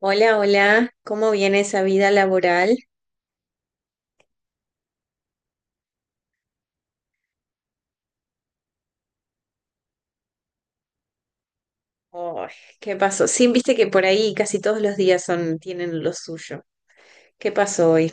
Hola, hola, ¿cómo viene esa vida laboral? Ay, ¿qué pasó? Sí, viste que por ahí casi todos los días son, tienen lo suyo. ¿Qué pasó hoy?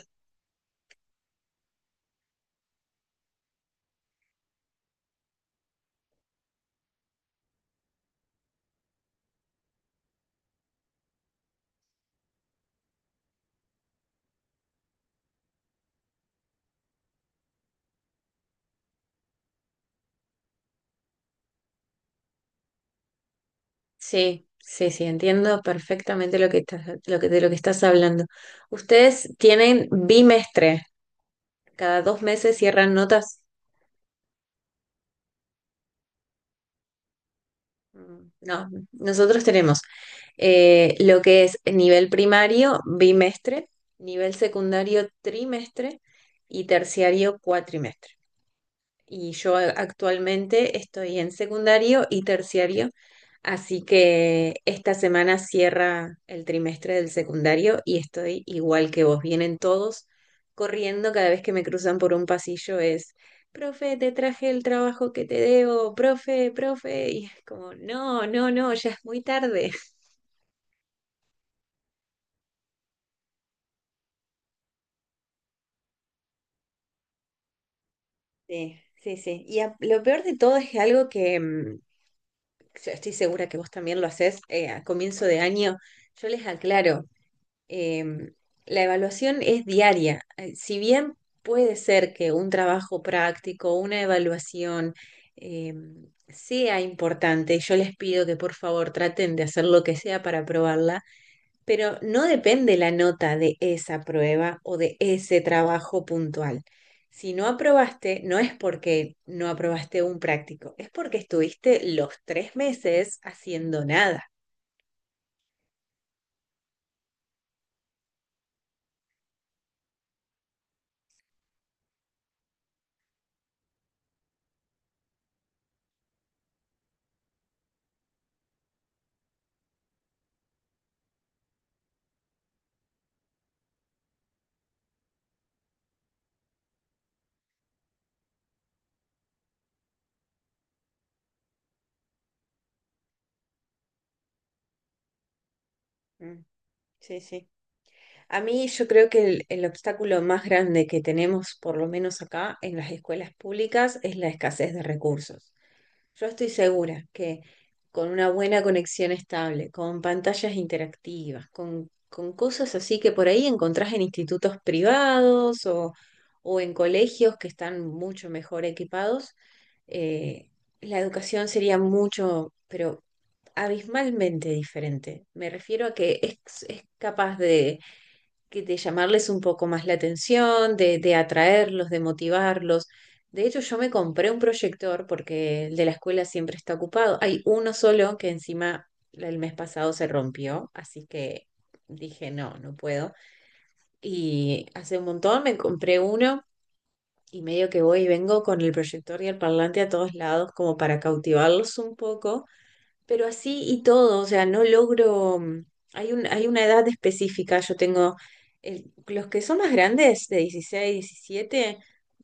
Sí, sí, sí, entiendo perfectamente lo que estás, lo que, de lo que estás hablando. Ustedes tienen bimestre, cada 2 meses cierran notas. No, nosotros tenemos lo que es nivel primario, bimestre, nivel secundario, trimestre y terciario, cuatrimestre. Y yo actualmente estoy en secundario y terciario, así que esta semana cierra el trimestre del secundario y estoy igual que vos. Vienen todos corriendo cada vez que me cruzan por un pasillo es, profe, te traje el trabajo que te debo, profe, profe, y es como, no, no, no, ya es muy tarde. Sí, sí, sí. Y lo peor de todo es que algo que yo estoy segura que vos también lo hacés a comienzo de año. Yo les aclaro, em, la evaluación es diaria. Si bien puede ser que un trabajo práctico, una evaluación sea importante, yo les pido que por favor traten de hacer lo que sea para aprobarla, pero no depende la nota de esa prueba o de ese trabajo puntual. Si no aprobaste, no es porque no aprobaste un práctico, es porque estuviste los 3 meses haciendo nada. Mm, sí, sí. A mí yo creo que el obstáculo más grande que tenemos, por lo menos acá en las escuelas públicas, es la escasez de recursos. Yo estoy segura que con una buena conexión estable, con pantallas interactivas, con cosas así que por ahí encontrás en institutos privados o en colegios que están mucho mejor equipados, eh, la educación sería mucho, pero abismalmente diferente. Me refiero a que es capaz de que de llamarles un poco más la atención, de atraerlos, de motivarlos. De hecho, yo me compré un proyector porque el de la escuela siempre está ocupado. Hay uno solo que encima el mes pasado se rompió, así que dije, no, no puedo. Y hace un montón me compré uno y medio que voy y vengo con el proyector y el parlante a todos lados como para cautivarlos un poco, pero así y todo, o sea, no logro, hay un, hay una edad específica, yo tengo, los que son más grandes, de 16, 17,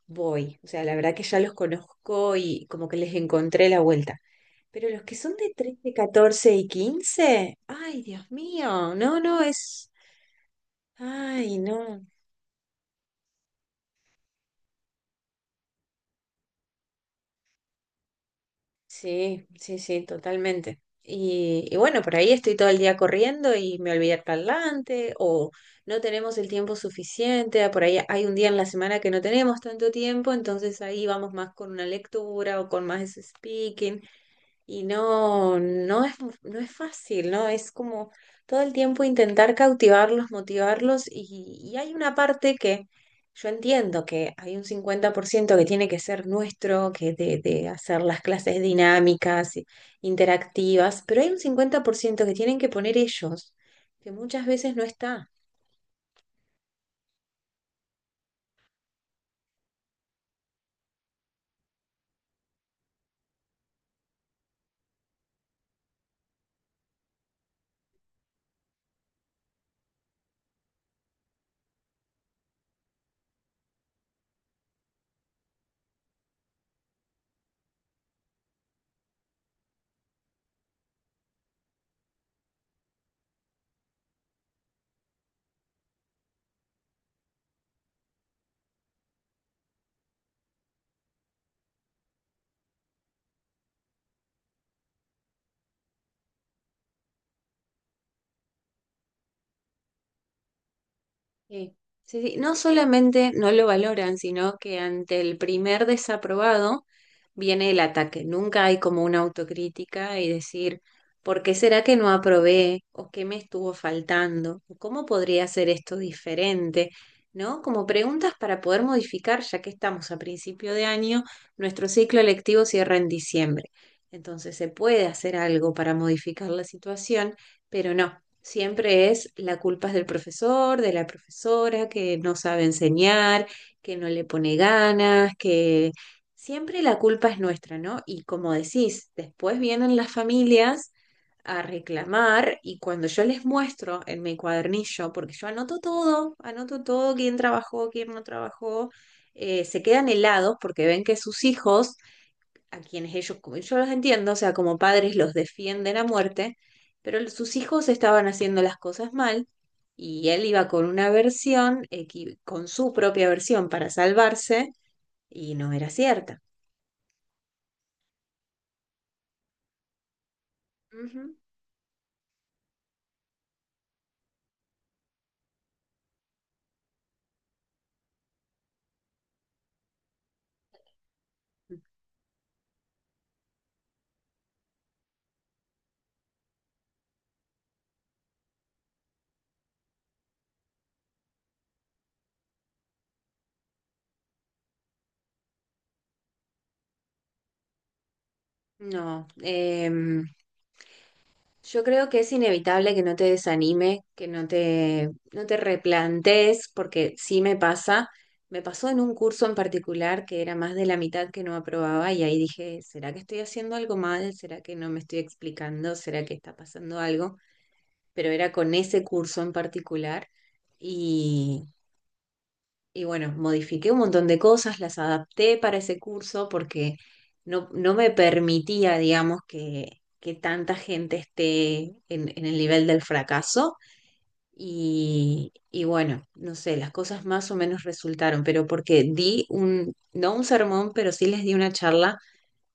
voy, o sea, la verdad que ya los conozco y como que les encontré la vuelta. Pero los que son de 13, 14 y 15, ay, Dios mío, no, no, es, ay, no. Sí, sí, sí, totalmente. Y bueno, por ahí estoy todo el día corriendo y me olvidé el parlante, o no tenemos el tiempo suficiente, ah, por ahí hay un día en la semana que no tenemos tanto tiempo, entonces ahí vamos más con una lectura o con más speaking. Y no, no es, no es fácil, ¿no? Es como todo el tiempo intentar cautivarlos, motivarlos y hay una parte que yo entiendo que hay un 50% que tiene que ser nuestro, que de hacer las clases dinámicas, interactivas, pero hay un 50% que tienen que poner ellos, que muchas veces no está. Sí, sí, sí. No solamente no lo valoran, sino que ante el primer desaprobado viene el ataque. Nunca hay como una autocrítica y decir, ¿por qué será que no aprobé? ¿O qué me estuvo faltando? ¿O ¿Cómo podría hacer esto diferente? ¿No? Como preguntas para poder modificar, ya que estamos a principio de año, nuestro ciclo electivo cierra en diciembre. Entonces se puede hacer algo para modificar la situación, pero no. Siempre es la culpa es del profesor, de la profesora, que no sabe enseñar, que no le pone ganas, que siempre la culpa es nuestra, ¿no? Y como decís, después vienen las familias a reclamar y cuando yo les muestro en mi cuadernillo, porque yo anoto todo, quién trabajó, quién no trabajó, se quedan helados porque ven que sus hijos a quienes ellos, como yo los entiendo, o sea, como padres los defienden a muerte, pero sus hijos estaban haciendo las cosas mal y él iba con una versión, con su propia versión para salvarse y no era cierta. Ujú. No, yo creo que es inevitable que no te desanime, que no te replantees, porque sí me pasa. Me pasó en un curso en particular que era más de la mitad que no aprobaba y ahí dije, ¿será que estoy haciendo algo mal? ¿Será que no me estoy explicando? ¿Será que está pasando algo? Pero era con ese curso en particular y, y bueno, modifiqué un montón de cosas, las adapté para ese curso porque no, no me permitía, digamos, que tanta gente esté en el nivel del fracaso. Y bueno, no sé, las cosas más o menos resultaron, pero porque di un, no un sermón, pero sí les di una charla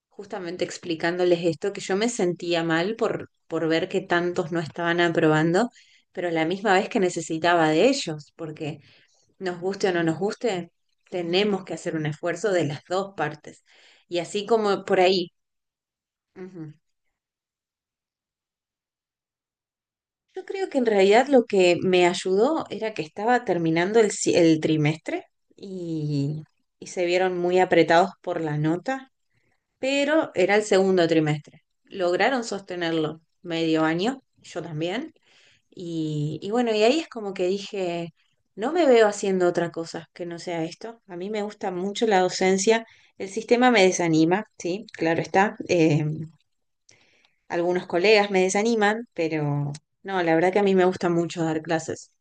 justamente explicándoles esto, que yo me sentía mal por ver que tantos no estaban aprobando, pero a la misma vez que necesitaba de ellos, porque nos guste o no nos guste, tenemos que hacer un esfuerzo de las dos partes. Y así como por ahí. Ujú. Yo creo que en realidad lo que me ayudó era que estaba terminando el trimestre y, y se vieron muy apretados por la nota, pero era el segundo trimestre. Lograron sostenerlo medio año, yo también, y bueno, y ahí es como que dije, no me veo haciendo otra cosa que no sea esto. A mí me gusta mucho la docencia. El sistema me desanima, sí, claro está. Algunos colegas me desaniman, pero no, la verdad que a mí me gusta mucho dar clases.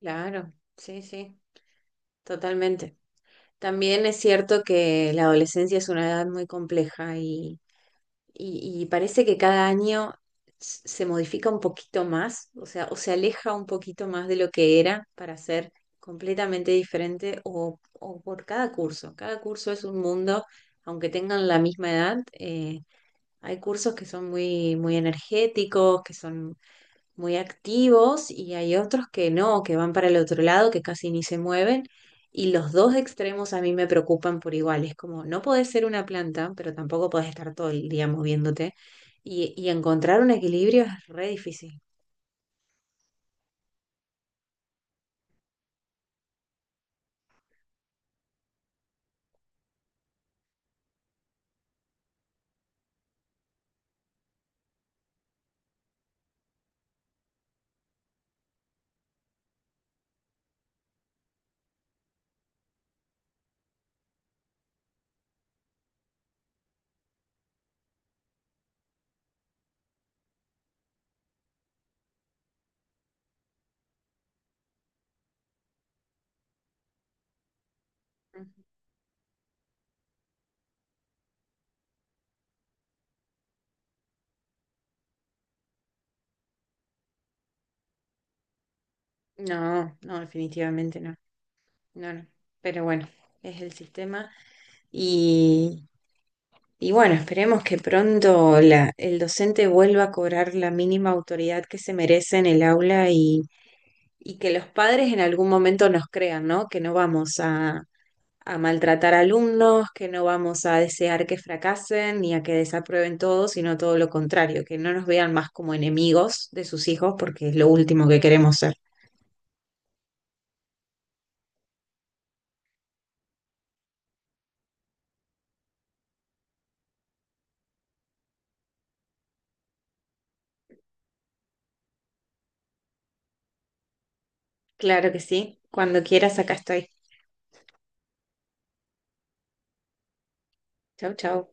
Claro, sí, sí, totalmente. También es cierto que la adolescencia es una edad muy compleja y parece que cada año se modifica un poquito más, o sea, o se aleja un poquito más de lo que era para ser completamente diferente o por cada curso. Cada curso es un mundo, aunque tengan la misma edad. Hay cursos que son muy, muy energéticos, que son muy activos y hay otros que no, que van para el otro lado, que casi ni se mueven. Y los dos extremos a mí me preocupan por igual. Es como, no podés ser una planta, pero tampoco podés estar todo el día moviéndote. Y encontrar un equilibrio es re difícil. Ujú. No, no, definitivamente no. No, no. Pero bueno, es el sistema. Y, y bueno, esperemos que pronto la, el docente vuelva a cobrar la mínima autoridad que se merece en el aula y que los padres en algún momento nos crean, ¿no? Que no vamos a maltratar alumnos, que no vamos a desear que fracasen ni a que desaprueben todo, sino todo lo contrario, que no nos vean más como enemigos de sus hijos porque es lo último que queremos ser. Claro que sí. Cuando quieras, acá estoy. Chau, chau.